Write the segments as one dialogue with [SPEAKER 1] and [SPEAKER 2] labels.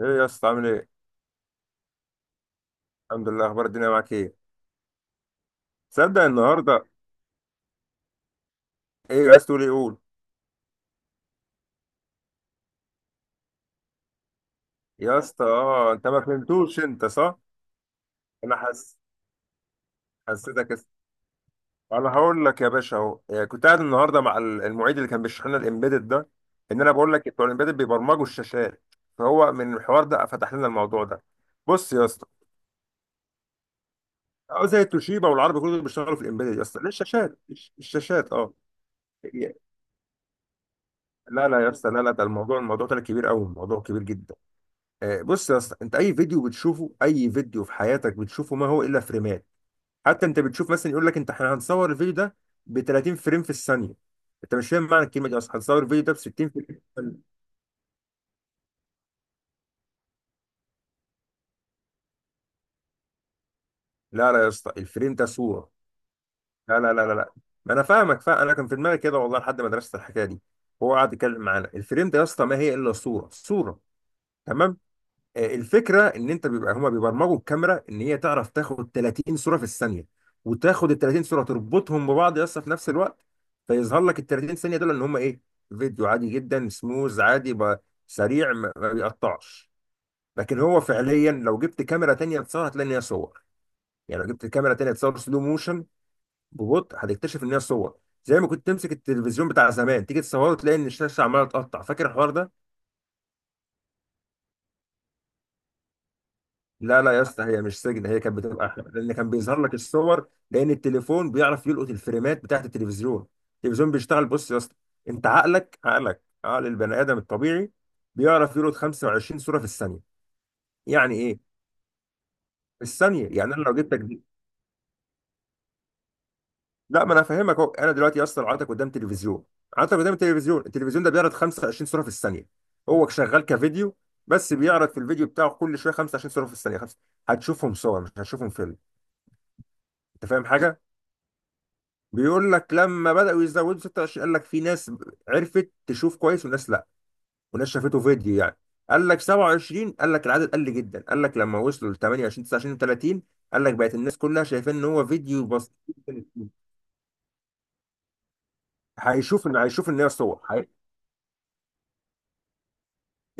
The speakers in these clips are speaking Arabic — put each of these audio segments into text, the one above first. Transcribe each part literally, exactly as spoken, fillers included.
[SPEAKER 1] ايه يا اسطى، عامل ايه؟ الحمد لله، اخبار الدنيا معاك ايه؟ تصدق النهارده. ايه عايز تقول، ايه قول. يا اسطى اه، انت ما فهمتوش، انت صح؟ انا حس حسيتك كده. انا هقول لك يا باشا اهو إيه، كنت قاعد النهارده مع ال- المعيد اللي كان بيشرح لنا الامبيدد ده. ان انا بقول لك بتوع الامبيدد بيبرمجوا الشاشات. فهو من الحوار ده فتح لنا الموضوع ده. بص يا اسطى. اه زي التوشيبا والعربي كله بيشتغلوا في الامبيدد يا اسطى، ليه الشاشات الش- الشاشات اه. لا لا يا اسطى، لا لا، ده الموضوع الموضوع ده كبير قوي، الموضوع كبير جدا. آه، بص يا اسطى، انت اي فيديو بتشوفه، اي فيديو في حياتك بتشوفه ما هو الا فريمات. حتى انت بتشوف مثلا، يقول لك انت احنا هنصور الفيديو ده ب ثلاثين فريم في الثانيه. انت مش فاهم معنى الكلمه دي اصلا، هنصور الفيديو ده ب ستين فريم في الثانيه. لا لا يا اسطى، الفريم ده صوره. لا لا لا لا لا. ما انا فاهمك، فاهم، انا كان في دماغي كده والله لحد ما درست الحكايه دي. هو قعد يتكلم معانا الفريم ده يا اسطى ما هي الا صوره صوره. تمام. آه، الفكره ان انت بيبقى هما بيبرمجوا الكاميرا ان هي تعرف تاخد ثلاثين صوره في الثانيه. وتاخد ال ثلاثين صوره تربطهم ببعض، يس، في نفس الوقت. فيظهر لك ال ثلاثين ثانيه دول ان هما ايه، فيديو عادي جدا، سموز عادي ب- سريع، ما ما بيقطعش. لكن هو فعليا لو جبت كاميرا تانية تصور هتلاقي ان هي صور. يعني لو جبت كاميرا تانية تصور سلو موشن، ببطء هتكتشف ان هي صور. زي ما كنت تمسك التلفزيون بتاع زمان تيجي تصوره، تلاقي ان الشاشه عماله تقطع، فاكر الحوار ده؟ لا لا يا اسطى، هي مش سجن، هي كانت بتبقى احلى لان كان بيظهر لك الصور، لان التليفون بيعرف يلقط الفريمات بتاعت التلفزيون. التلفزيون بيشتغل، بص يا اسطى، انت عقلك عقلك عقل البني ادم الطبيعي بيعرف يلقط خمسة وعشرين صوره في الثانيه. يعني ايه في الثانيه؟ يعني انا لو جبتك دي. لا، ما انا فاهمك اهو، انا دلوقتي يا اسطى قعدتك قدام تلفزيون. قعدتك قدام التلفزيون، التلفزيون ده بيعرض خمسة وعشرين صوره في الثانيه. هو شغال كفيديو، بس بيعرض في الفيديو بتاعه كل شويه خمسة وعشرين صوره في الثانيه خمسة. هتشوفهم صور، مش هتشوفهم فيلم. انت فاهم حاجه؟ بيقول لك لما بدأوا يزودوا ستة وعشرين، قال لك في ناس عرفت تشوف كويس وناس لا. وناس شافته فيديو يعني. قال لك سبعة وعشرين، قال لك العدد قل جدا، قال لك لما وصلوا ل تمنية وعشرين تسعة وعشرين ثلاثين قال لك بقت الناس كلها شايفين ان هو فيديو بسيط. هيشوف ان هيشوف ان هي صور.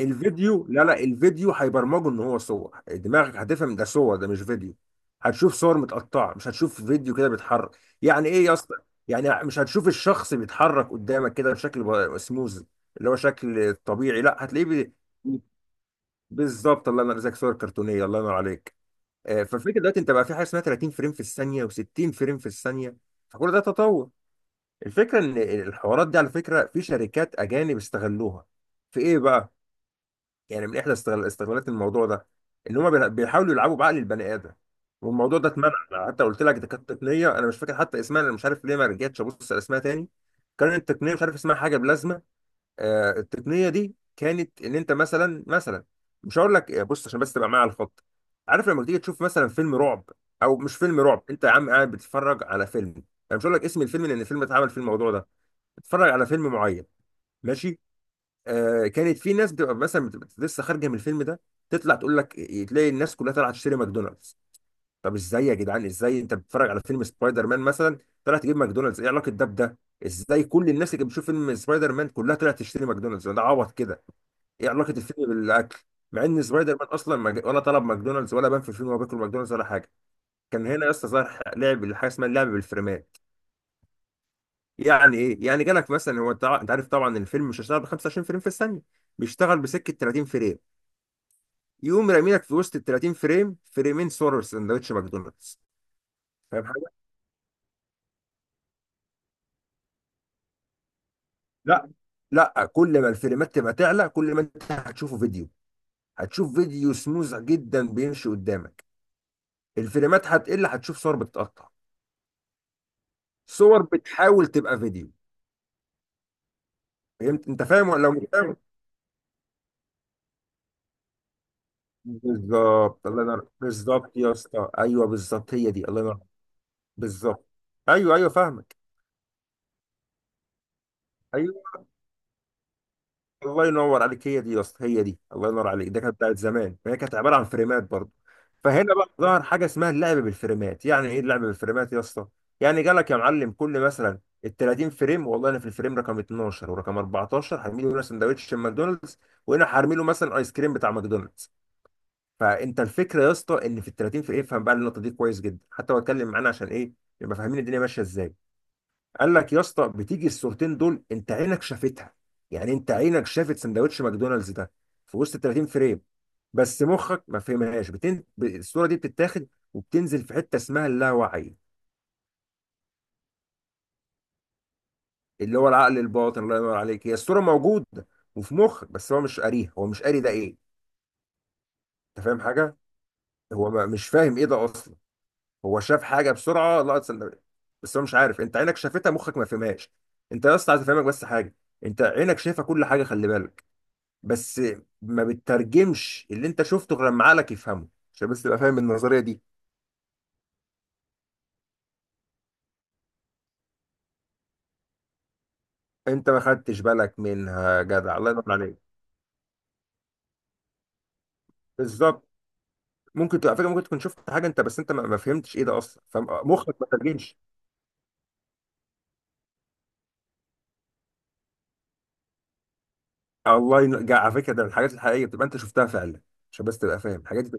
[SPEAKER 1] الفيديو، لا لا، الفيديو هيبرمجه ان هو صور، دماغك هتفهم ده صور، ده مش فيديو. هتشوف صور متقطعه، مش هتشوف فيديو كده بيتحرك، يعني ايه يا اسطى؟ يعني مش هتشوف الشخص بيتحرك قدامك كده بشكل ب- سموز، اللي هو شكل طبيعي، لا هتلاقيه بي- بالظبط، الله ينور عليك، صور كرتونيه، الله ينور عليك. آه، فالفكره دلوقتي انت بقى في حاجه اسمها ثلاثين فريم في الثانيه و60 فريم في الثانيه، فكل ده تطور. الفكره ان الحوارات دي على فكره في شركات اجانب استغلوها. في ايه بقى؟ يعني من احدى استغل- استغلالات الموضوع ده ان هما بيلع- بيحاولوا يلعبوا بعقل البني ادم. والموضوع ده اتمنع، أنا حتى قلت لك ده كانت تقنيه، انا مش فاكر حتى اسمها، انا مش عارف ليه ما رجعتش ابص على اسمها تاني. كانت التقنيه مش عارف اسمها، حاجه بلازما. آه التقنيه دي كانت ان انت مثلا، مثلا مش هقول لك، آه، بص عشان بس تبقى معايا على الخط. عارف لما تيجي تشوف مثلا فيلم رعب، او مش فيلم رعب، انت يا عم قاعد بتتفرج على فيلم، انا مش هقول لك اسم الفيلم لان الفيلم اتعمل في الموضوع ده، بتتفرج على فيلم معين، ماشي. آه، كانت في ناس بتبقى مثلا بتبقى لسه خارجه من الفيلم ده، تطلع تقول لك تلاقي الناس كلها طالعه تشتري ماكدونالدز. طب ازاي يا جدعان، ازاي انت بتتفرج على فيلم سبايدر مان مثلا، طلع تجيب ماكدونالدز، ايه علاقه ده بده؟ ازاي كل الناس اللي كانت بتشوف فيلم سبايدر مان كلها طلعت تشتري ماكدونالدز، ده عبط كده، ايه علاقه الفيلم بالاكل؟ مع ان سبايدر مان اصلا ما جا- ولا طلب ماكدونالدز، ولا بان في الفيلم هو بياكل ماكدونالدز ولا حاجه. كان هنا يا اسطى ظهر لعب حاجه اسمها اللعب بالفريمات. يعني ايه؟ يعني جالك مثلا، هو تع- انت عارف طبعا الفيلم مش هيشتغل ب خمسة وعشرين فريم في الثانيه، بيشتغل بسكه ثلاثين فريم، يقوم راميلك في وسط ال ثلاثين فريم فريمين صور سندوتش ماكدونالدز. فاهم حاجه؟ لا لا، كل ما الفريمات تبقى تعلى كل ما انت هتشوفه فيديو، هتشوف فيديو سموز جدا بيمشي قدامك. الفريمات هتقل، هتشوف صور بتتقطع، صور بتحاول تبقى فيديو. فهمت، انت فاهم ولا لو مش فاهم؟ بالظبط، الله ينور، بالظبط يا اسطى، ايوه بالظبط، هي دي، الله ينور. بالظبط، ايوه ايوه فاهمك. ايوه الله ينور عليك، هي دي يا اسطى هي دي، الله ينور عليك. ده كانت بتاعت زمان فهي كانت عباره عن فريمات برضه. فهنا بقى ظهر حاجه اسمها اللعب بالفريمات، يعني ايه اللعب بالفريمات يا اسطى؟ يعني جالك يا معلم، كل مثلا ال ثلاثين فريم، والله انا في الفريم رقم اتناشر ورقم اربعة عشر هرمي له هنا سندوتش ماكدونالدز، وهنا هرمي له مثلا ايس كريم بتاع ماكدونالدز. فانت الفكره يا اسطى ان في ال ثلاثين فريم، افهم بقى النقطه دي كويس جدا، حتى هو اتكلم معانا عشان ايه يبقى فاهمين الدنيا ماشيه ازاي. قال لك يا اسطى بتيجي الصورتين دول انت عينك شافتها، يعني انت عينك شافت سندوتش ماكدونالدز ده في وسط ثلاثين فريم، بس مخك ما فهمهاش. بتن... ب- الصوره دي بتتاخد وبتنزل في حته اسمها اللاوعي، اللي هو العقل الباطن، الله ينور عليك. هي الصوره موجوده وفي مخك، بس هو مش قاريها، هو مش قاري ده ايه. انت فاهم حاجه؟ هو ما... مش فاهم ايه ده اصلا، هو شاف حاجه بسرعه، لقط سندوتش، بس هو مش عارف. انت عينك شافتها، مخك ما فهمهاش. انت يا اسطى عايز افهمك بس حاجه، انت عينك شايفه كل حاجه، خلي بالك، بس ما بتترجمش اللي انت شفته غير لما عقلك يفهمه، عشان بس تبقى فاهم النظريه دي. انت ما خدتش بالك منها يا جدع، الله ينور عليك. بالظبط. ممكن تبقى على فكره، ممكن تكون شفت حاجه انت، بس انت ما ما فهمتش ايه ده اصلا، فمخك ما ترجمش. الله ينور، على فكره ده من الحاجات الحقيقيه بتبقى انت شفتها فعلا، عشان بس تبقى فاهم الحاجات دي.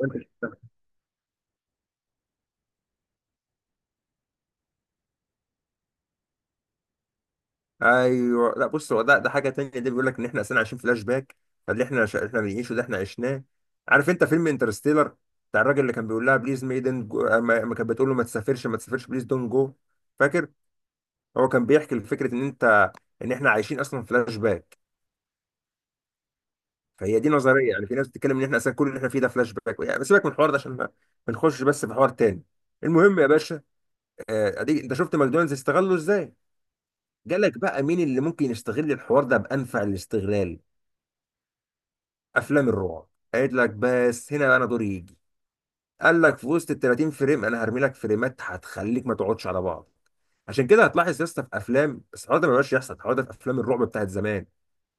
[SPEAKER 1] ايوه، لا بص هو ده ده حاجه تانية، ده بيقول لك ان احنا اصلا عايشين فلاش باك. فاللي احنا ش... احنا بنعيشه ده احنا عشناه. عارف انت فيلم انترستيلر، بتاع الراجل اللي كان بيقول لها بليز ميدن جو... ما... ما كانت بتقول له ما تسافرش ما تسافرش، بليز دون جو، فاكر؟ هو كان بيحكي لفكره ان انت، ان احنا عايشين اصلا فلاش باك. فهي دي نظريه، يعني في ناس بتتكلم ان احنا اصلا كل اللي احنا فيه ده فلاش باك، يعني سيبك من الحوار ده عشان ما ما نخش بس في حوار تاني. المهم يا باشا، آه، اديك انت شفت ماكدونالدز استغله ازاي، جالك بقى مين اللي ممكن يستغل الحوار ده بانفع الاستغلال، افلام الرعب. قالت لك بس هنا بقى انا دوري يجي، قال لك في وسط ال ثلاثين فريم انا هرمي لك فريمات هتخليك ما تقعدش على بعض. عشان كده هتلاحظ يا اسطى في افلام، بس الحوار ده ما بقاش يحصل، الحوار ده في افلام الرعب بتاعت زمان،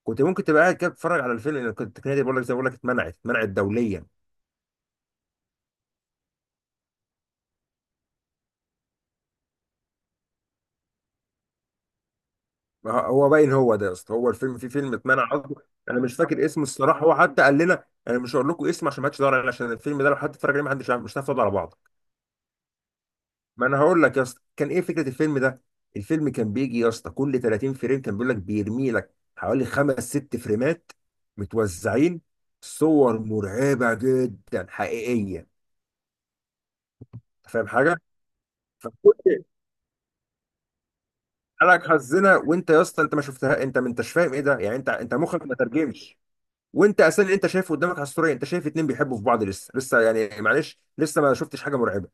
[SPEAKER 1] كنت ممكن تبقى قاعد كده بتتفرج على الفيلم، لان كنت التقنيه دي بقول لك زي ما بقول لك اتمنعت، اتمنعت دوليا. ما هو هو باين هو ده يا اسطى، هو الفيلم، في فيلم اتمنع قصده. انا مش فاكر اسمه الصراحه، هو حتى قال لنا انا مش هقول لكم اسمه عشان ما حدش يدور عليه، عشان الفيلم ده لو حد اتفرج عليه ما حدش عارف- مش هتعرف تقعد على بعض. ما انا هقول لك يا اسطى كان ايه فكره الفيلم ده. الفيلم كان بيجي يا اسطى كل ثلاثين فريم، كان بيقول لك بيرمي لك حوالي خمس ست فريمات متوزعين، صور مرعبه جدا حقيقيه. أنت فاهم حاجه؟ فكنت حالك حزنه، وانت يا اسطى انت ما شفتها، انت ما انتش فاهم ايه ده، يعني انت، انت مخك ما ترجمش. وانت اساسا اللي انت شايفه قدامك على الصوره إيه؟ انت شايف اتنين بيحبوا في بعض لسه لسه، يعني معلش لسه ما شفتش حاجه مرعبه،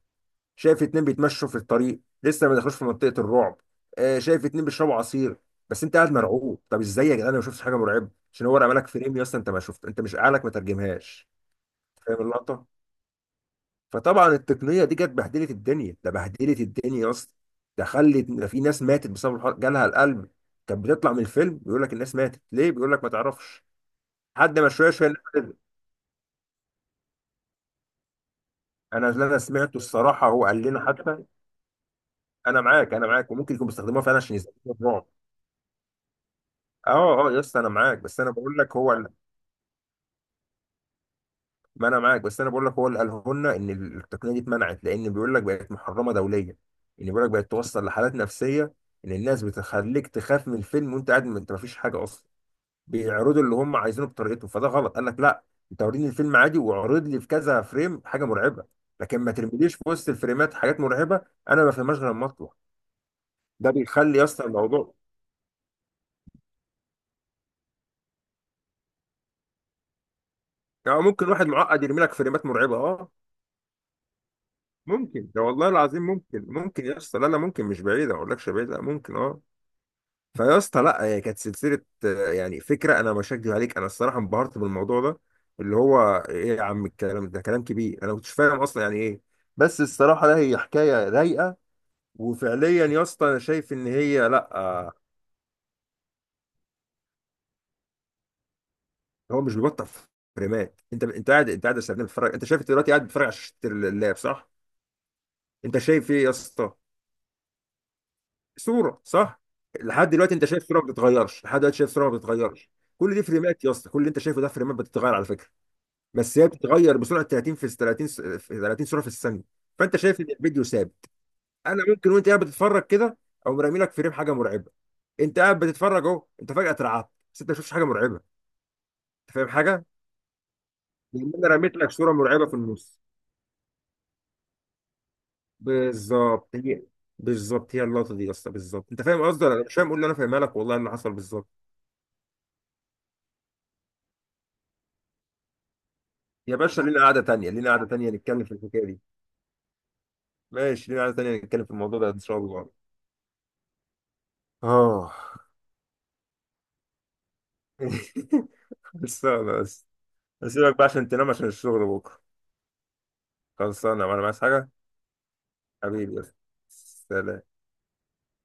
[SPEAKER 1] شايف اتنين بيتمشوا في الطريق لسه ما دخلوش في منطقة الرعب. آه، شايف اتنين بيشربوا عصير، بس انت قاعد مرعوب. طب ازاي يا جدعان، انا ما شفتش حاجة مرعبة، عشان هو رمى لك فريم يا اسطى انت ما شفت، انت مش عقلك ما ترجمهاش. فاهم اللقطة؟ فطبعا التقنية دي جت بهدلت الدنيا، ده بهدلت الدنيا يا اسطى، ده خلت، ده في ناس ماتت بسبب الحوار، جالها القلب. كانت بتطلع من الفيلم، بيقول لك الناس ماتت ليه، بيقول لك ما تعرفش، حد ما شويه شويه الناس نزلت. انا اللي انا سمعته الصراحه هو قال لنا حتى. انا معاك، انا معاك، وممكن يكون بيستخدموها فعلا عشان يزودوا الرعب. اه اه يا اسطى انا معاك، بس انا بقول لك هو ال- ما انا معاك، بس انا بقول لك هو اللي قاله لنا ان التقنيه دي اتمنعت، لان بيقول لك بقت محرمه دوليا، ان بيقول لك بقت توصل لحالات نفسيه، ان الناس بتخليك تخاف من الفيلم وانت قاعد ما انت ما فيش حاجه اصلا، بيعرضوا اللي هم عايزينه بطريقتهم، فده غلط. قال لك لا، انت وريني الفيلم عادي واعرض لي في كذا فريم حاجه مرعبه، لكن ما ترميليش في وسط الفريمات حاجات مرعبه، انا ما فهمهاش غير لما اطلع. ده بيخلي يا اسطى الموضوع. يعني ممكن واحد معقد يرمي لك فريمات مرعبه، اه ممكن، ده والله العظيم ممكن، ممكن يا اسطى، لا لا ممكن، مش بعيدة، ما اقولكش بعيدة، ممكن اه. فيا اسطى لا، هي كانت سلسلة، آه، يعني فكرة انا مش هكدب عليك، انا الصراحة انبهرت بالموضوع ده، اللي هو ايه يا عم، الكلام ده كلام كبير، انا ما كنتش فاهم اصلا يعني ايه، بس الصراحة لا هي حكاية رايقة. وفعليا يا اسطى انا شايف ان هي لا، آه، هو مش بيبطل فريمات. انت انت قاعد انت قاعد يا سلام بتتفرج، انت شايف دلوقتي قاعد بتتفرج على شاشة اللاب، صح؟ انت شايف ايه يا اسطى؟ صوره، صح؟ لحد دلوقتي انت شايف صوره ما بتتغيرش، لحد دلوقتي شايف صوره ما بتتغيرش. كل دي فريمات يا اسطى، كل اللي انت شايفه ده فريمات بتتغير على فكره، بس هي بتتغير بسرعه ثلاثين في ثلاثين س- في ثلاثين صوره في الثانيه، فانت شايف ان الفيديو ثابت. انا ممكن وانت قاعد بتتفرج كده او مرمي لك فريم حاجه مرعبه، انت قاعد بتتفرج اهو، انت فجاه اترعبت، بس انت ما شفتش حاجه مرعبه. انت فاهم حاجه؟ لان انا رميت لك صوره مرعبه في النص. بالظبط هي، بالظبط هي اللقطه دي يا اسطى، بالظبط. انت فاهم قصدي ولا لا؟ مش فاهم، قول لي، انا فاهمها لك والله، إيه اللي حصل بالظبط. يا باشا لينا قعدة تانية، لينا قعدة تانية نتكلم في الحكاية دي. ماشي، لينا قعدة تانية نتكلم في الموضوع ده إن شاء الله. آه. خلصانة بس. أسيبك بقى عشان تنام، عشان الشغل بكرة. خلصانة وأنا عايز حاجة. حبيبي بس. سلام.